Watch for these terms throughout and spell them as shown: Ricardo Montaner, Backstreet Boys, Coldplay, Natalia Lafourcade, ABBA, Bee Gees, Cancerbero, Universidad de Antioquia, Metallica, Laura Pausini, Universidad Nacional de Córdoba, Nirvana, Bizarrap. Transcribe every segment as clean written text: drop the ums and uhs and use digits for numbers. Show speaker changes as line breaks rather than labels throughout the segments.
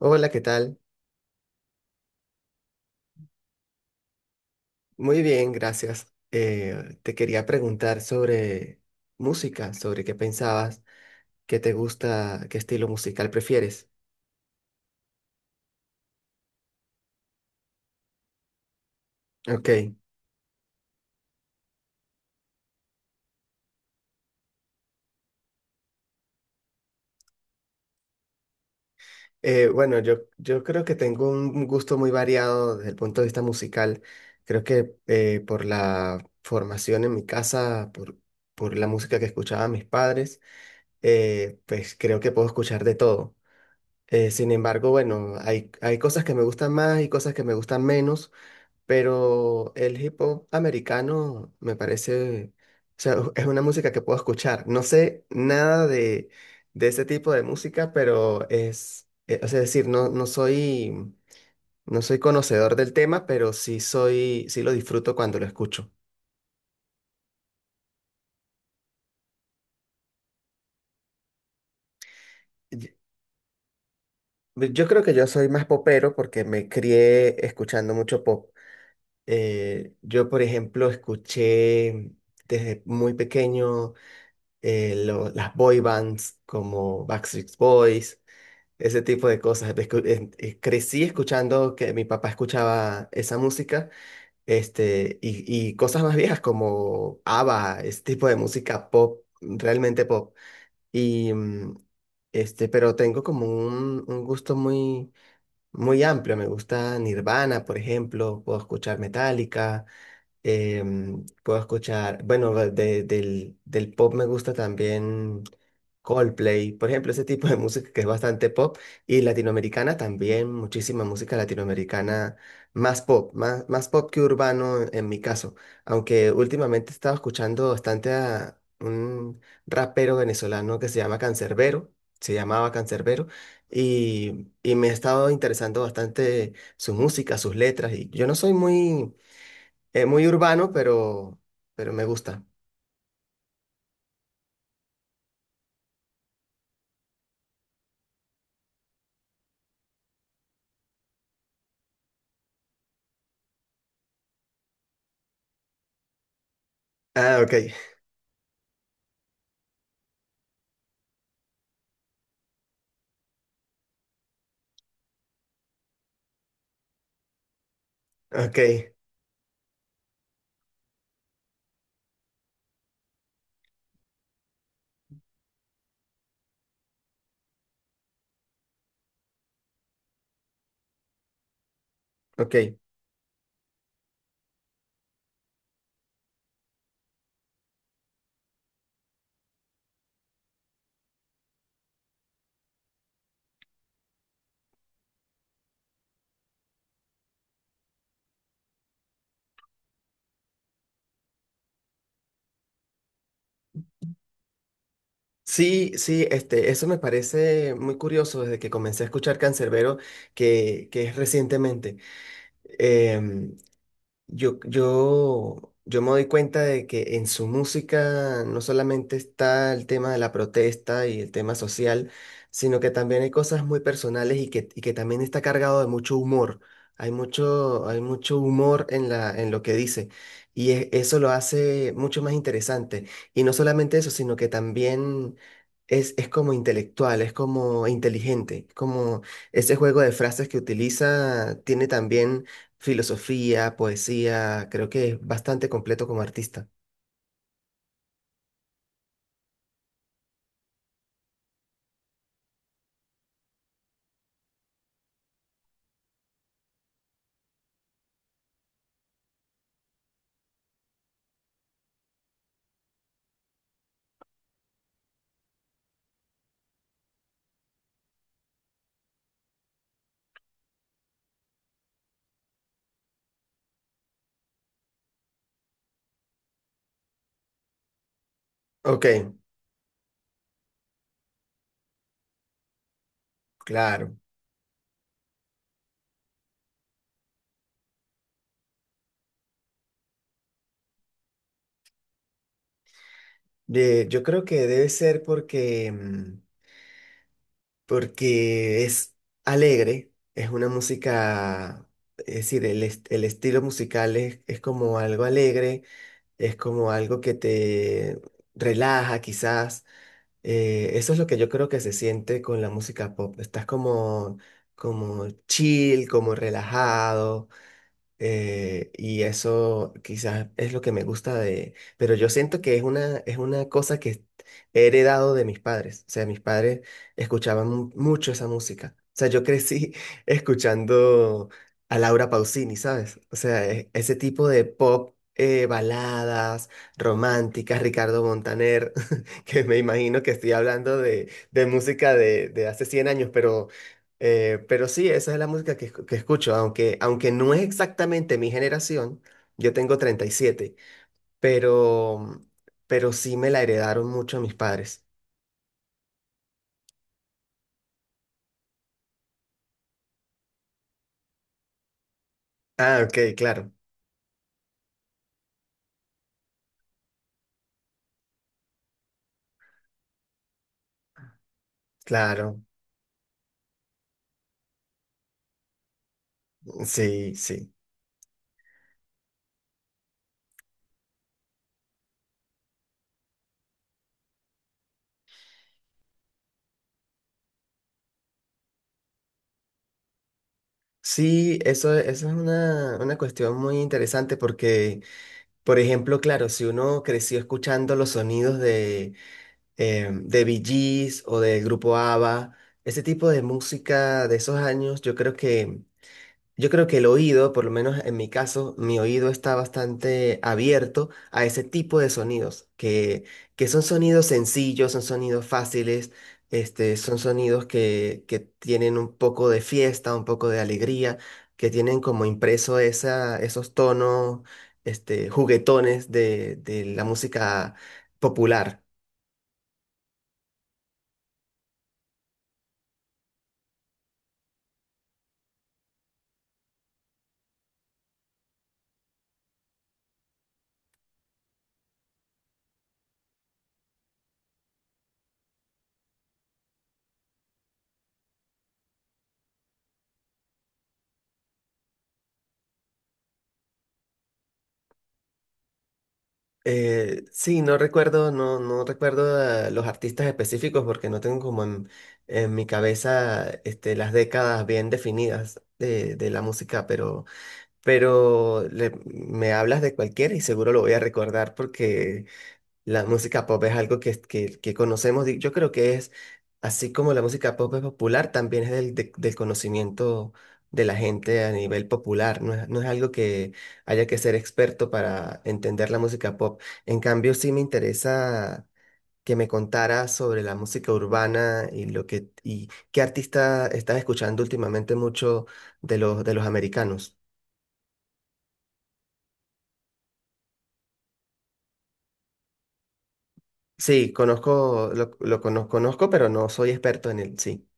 Hola, ¿qué tal? Muy bien, gracias. Te quería preguntar sobre música, sobre qué pensabas, qué te gusta, qué estilo musical prefieres. Ok, bueno, yo creo que tengo un gusto muy variado desde el punto de vista musical. Creo que por la formación en mi casa, por la música que escuchaban mis padres, pues creo que puedo escuchar de todo. Sin embargo, bueno, hay cosas que me gustan más y cosas que me gustan menos, pero el hip hop americano me parece, o sea, es una música que puedo escuchar. No sé nada de ese tipo de música, pero es, o sea, es decir, no soy, no soy conocedor del tema, pero sí soy, sí lo disfruto cuando lo escucho. Y- pues, yo creo que yo soy más popero porque me crié escuchando mucho pop. Yo, por ejemplo, escuché desde muy pequeño. Las boy bands como Backstreet Boys, ese tipo de cosas. Crecí escuchando que mi papá escuchaba esa música, y cosas más viejas como ABBA, ese tipo de música pop, realmente pop. Y, mm, pero tengo como un gusto muy amplio. Me gusta Nirvana, por ejemplo, puedo escuchar Metallica, puedo escuchar, bueno, del pop me gusta también Coldplay, por ejemplo, ese tipo de música que es bastante pop y latinoamericana también, muchísima música latinoamericana, más pop, más pop que urbano en mi caso, aunque últimamente he estado escuchando bastante a un rapero venezolano que se llama Cancerbero, se llamaba Cancerbero y me he estado interesando bastante su música, sus letras y yo no soy muy muy urbano, pero me gusta. Ah, ok, ok, ok. Sí, sí, eso me parece muy curioso desde que comencé a escuchar Canserbero que es recientemente. Em, yo me doy cuenta de que en su música no solamente está el tema de la protesta y el tema social, sino que también hay cosas muy personales y que también está cargado de mucho humor. Hay mucho humor en la, en lo que dice y eso lo hace mucho más interesante. Y no solamente eso, sino que también es como intelectual, es como inteligente, como ese juego de frases que utiliza tiene también filosofía, poesía, creo que es bastante completo como artista. Ok, claro. Yo creo que debe ser porque, porque es alegre, es una música, es decir, el estilo musical es como algo alegre, es como algo que te relaja quizás. Eso es lo que yo creo que se siente con la música pop. Estás como, como chill, como relajado. Y eso quizás es lo que me gusta de, pero yo siento que es una cosa que he heredado de mis padres. O sea, mis padres escuchaban mucho esa música. O sea, yo crecí escuchando a Laura Pausini, ¿sabes? O sea, ese tipo de pop, baladas románticas, Ricardo Montaner, que me imagino que estoy hablando de música de hace 100 años, pero sí, esa es la música que escucho, aunque, aunque no es exactamente mi generación, yo tengo 37, pero, pero sí me la heredaron mucho mis padres. Ah, ok, claro, claro, sí, sí. Sí, eso es una cuestión muy interesante porque, por ejemplo, claro, si uno creció escuchando los sonidos de Bee Gees o del grupo ABBA, ese tipo de música de esos años, yo creo que yo creo que el oído, por lo menos en mi caso, mi oído está bastante abierto a ese tipo de sonidos, que son sonidos sencillos, son sonidos fáciles, son sonidos que tienen un poco de fiesta, un poco de alegría, que tienen como impreso esa, esos tonos, juguetones de la música popular. Sí, no recuerdo, no recuerdo los artistas específicos porque no tengo como en mi cabeza las décadas bien definidas de la música, pero, me hablas de cualquiera y seguro lo voy a recordar porque la música pop es algo que, que conocemos, yo creo que es, así como la música pop es popular, también es del, del conocimiento de la gente a nivel popular, no es algo que haya que ser experto para entender la música pop. En cambio, sí me interesa que me contara sobre la música urbana y lo que, y qué artista estás escuchando últimamente mucho de los americanos. Sí, conozco, lo conozco, conozco, pero no soy experto en él, sí,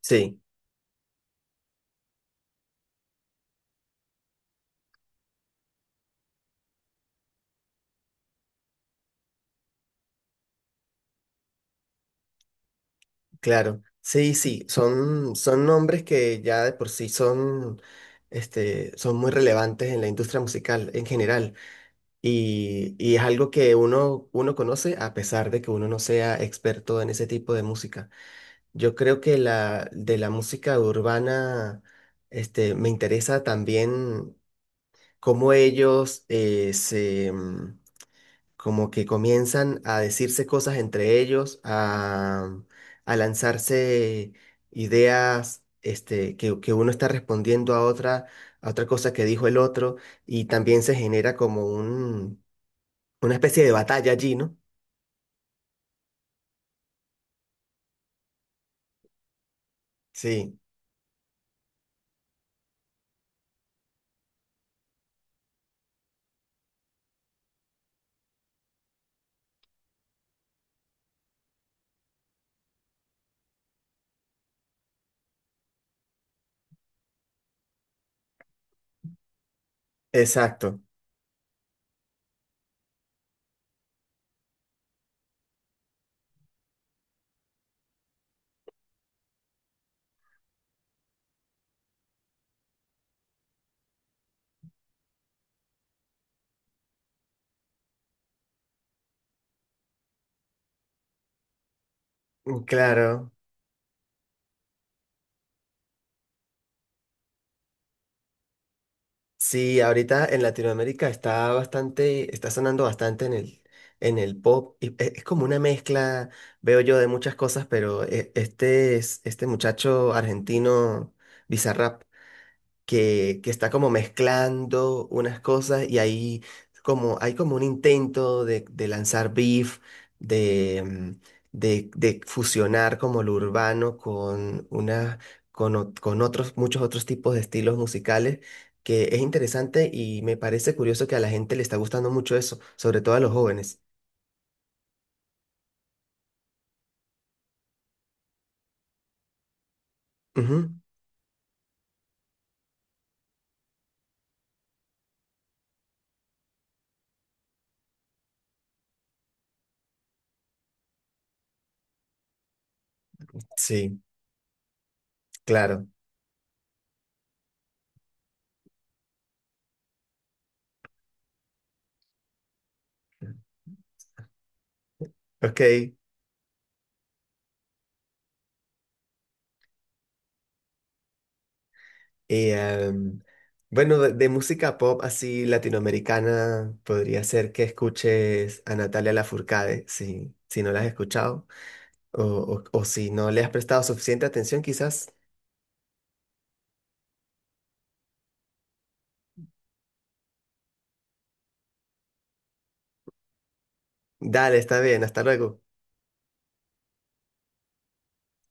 sí. Claro, sí, sí, son, son nombres que ya de por sí son, son muy relevantes en la industria musical en general y es algo que uno, uno conoce a pesar de que uno no sea experto en ese tipo de música. Yo creo que la, de la música urbana, me interesa también cómo ellos se como que comienzan a decirse cosas entre ellos, a lanzarse ideas, que uno está respondiendo a otra cosa que dijo el otro, y también se genera como un, una especie de batalla allí, ¿no? Sí, exacto. Claro. Sí, ahorita en Latinoamérica está bastante, está sonando bastante en el pop. Y es como una mezcla, veo yo, de muchas cosas, pero este es, este muchacho argentino, Bizarrap, que está como mezclando unas cosas y ahí como, hay como un intento de lanzar beef, de, mm, de fusionar como lo urbano con, una, con, con otros, muchos otros tipos de estilos musicales, que es interesante y me parece curioso que a la gente le está gustando mucho eso, sobre todo a los jóvenes. Ujú. Sí, claro. Ok. Y bueno, de música pop así latinoamericana, podría ser que escuches a Natalia Lafourcade, si, si no la has escuchado, o o si no le has prestado suficiente atención, quizás. Dale, está bien, hasta luego.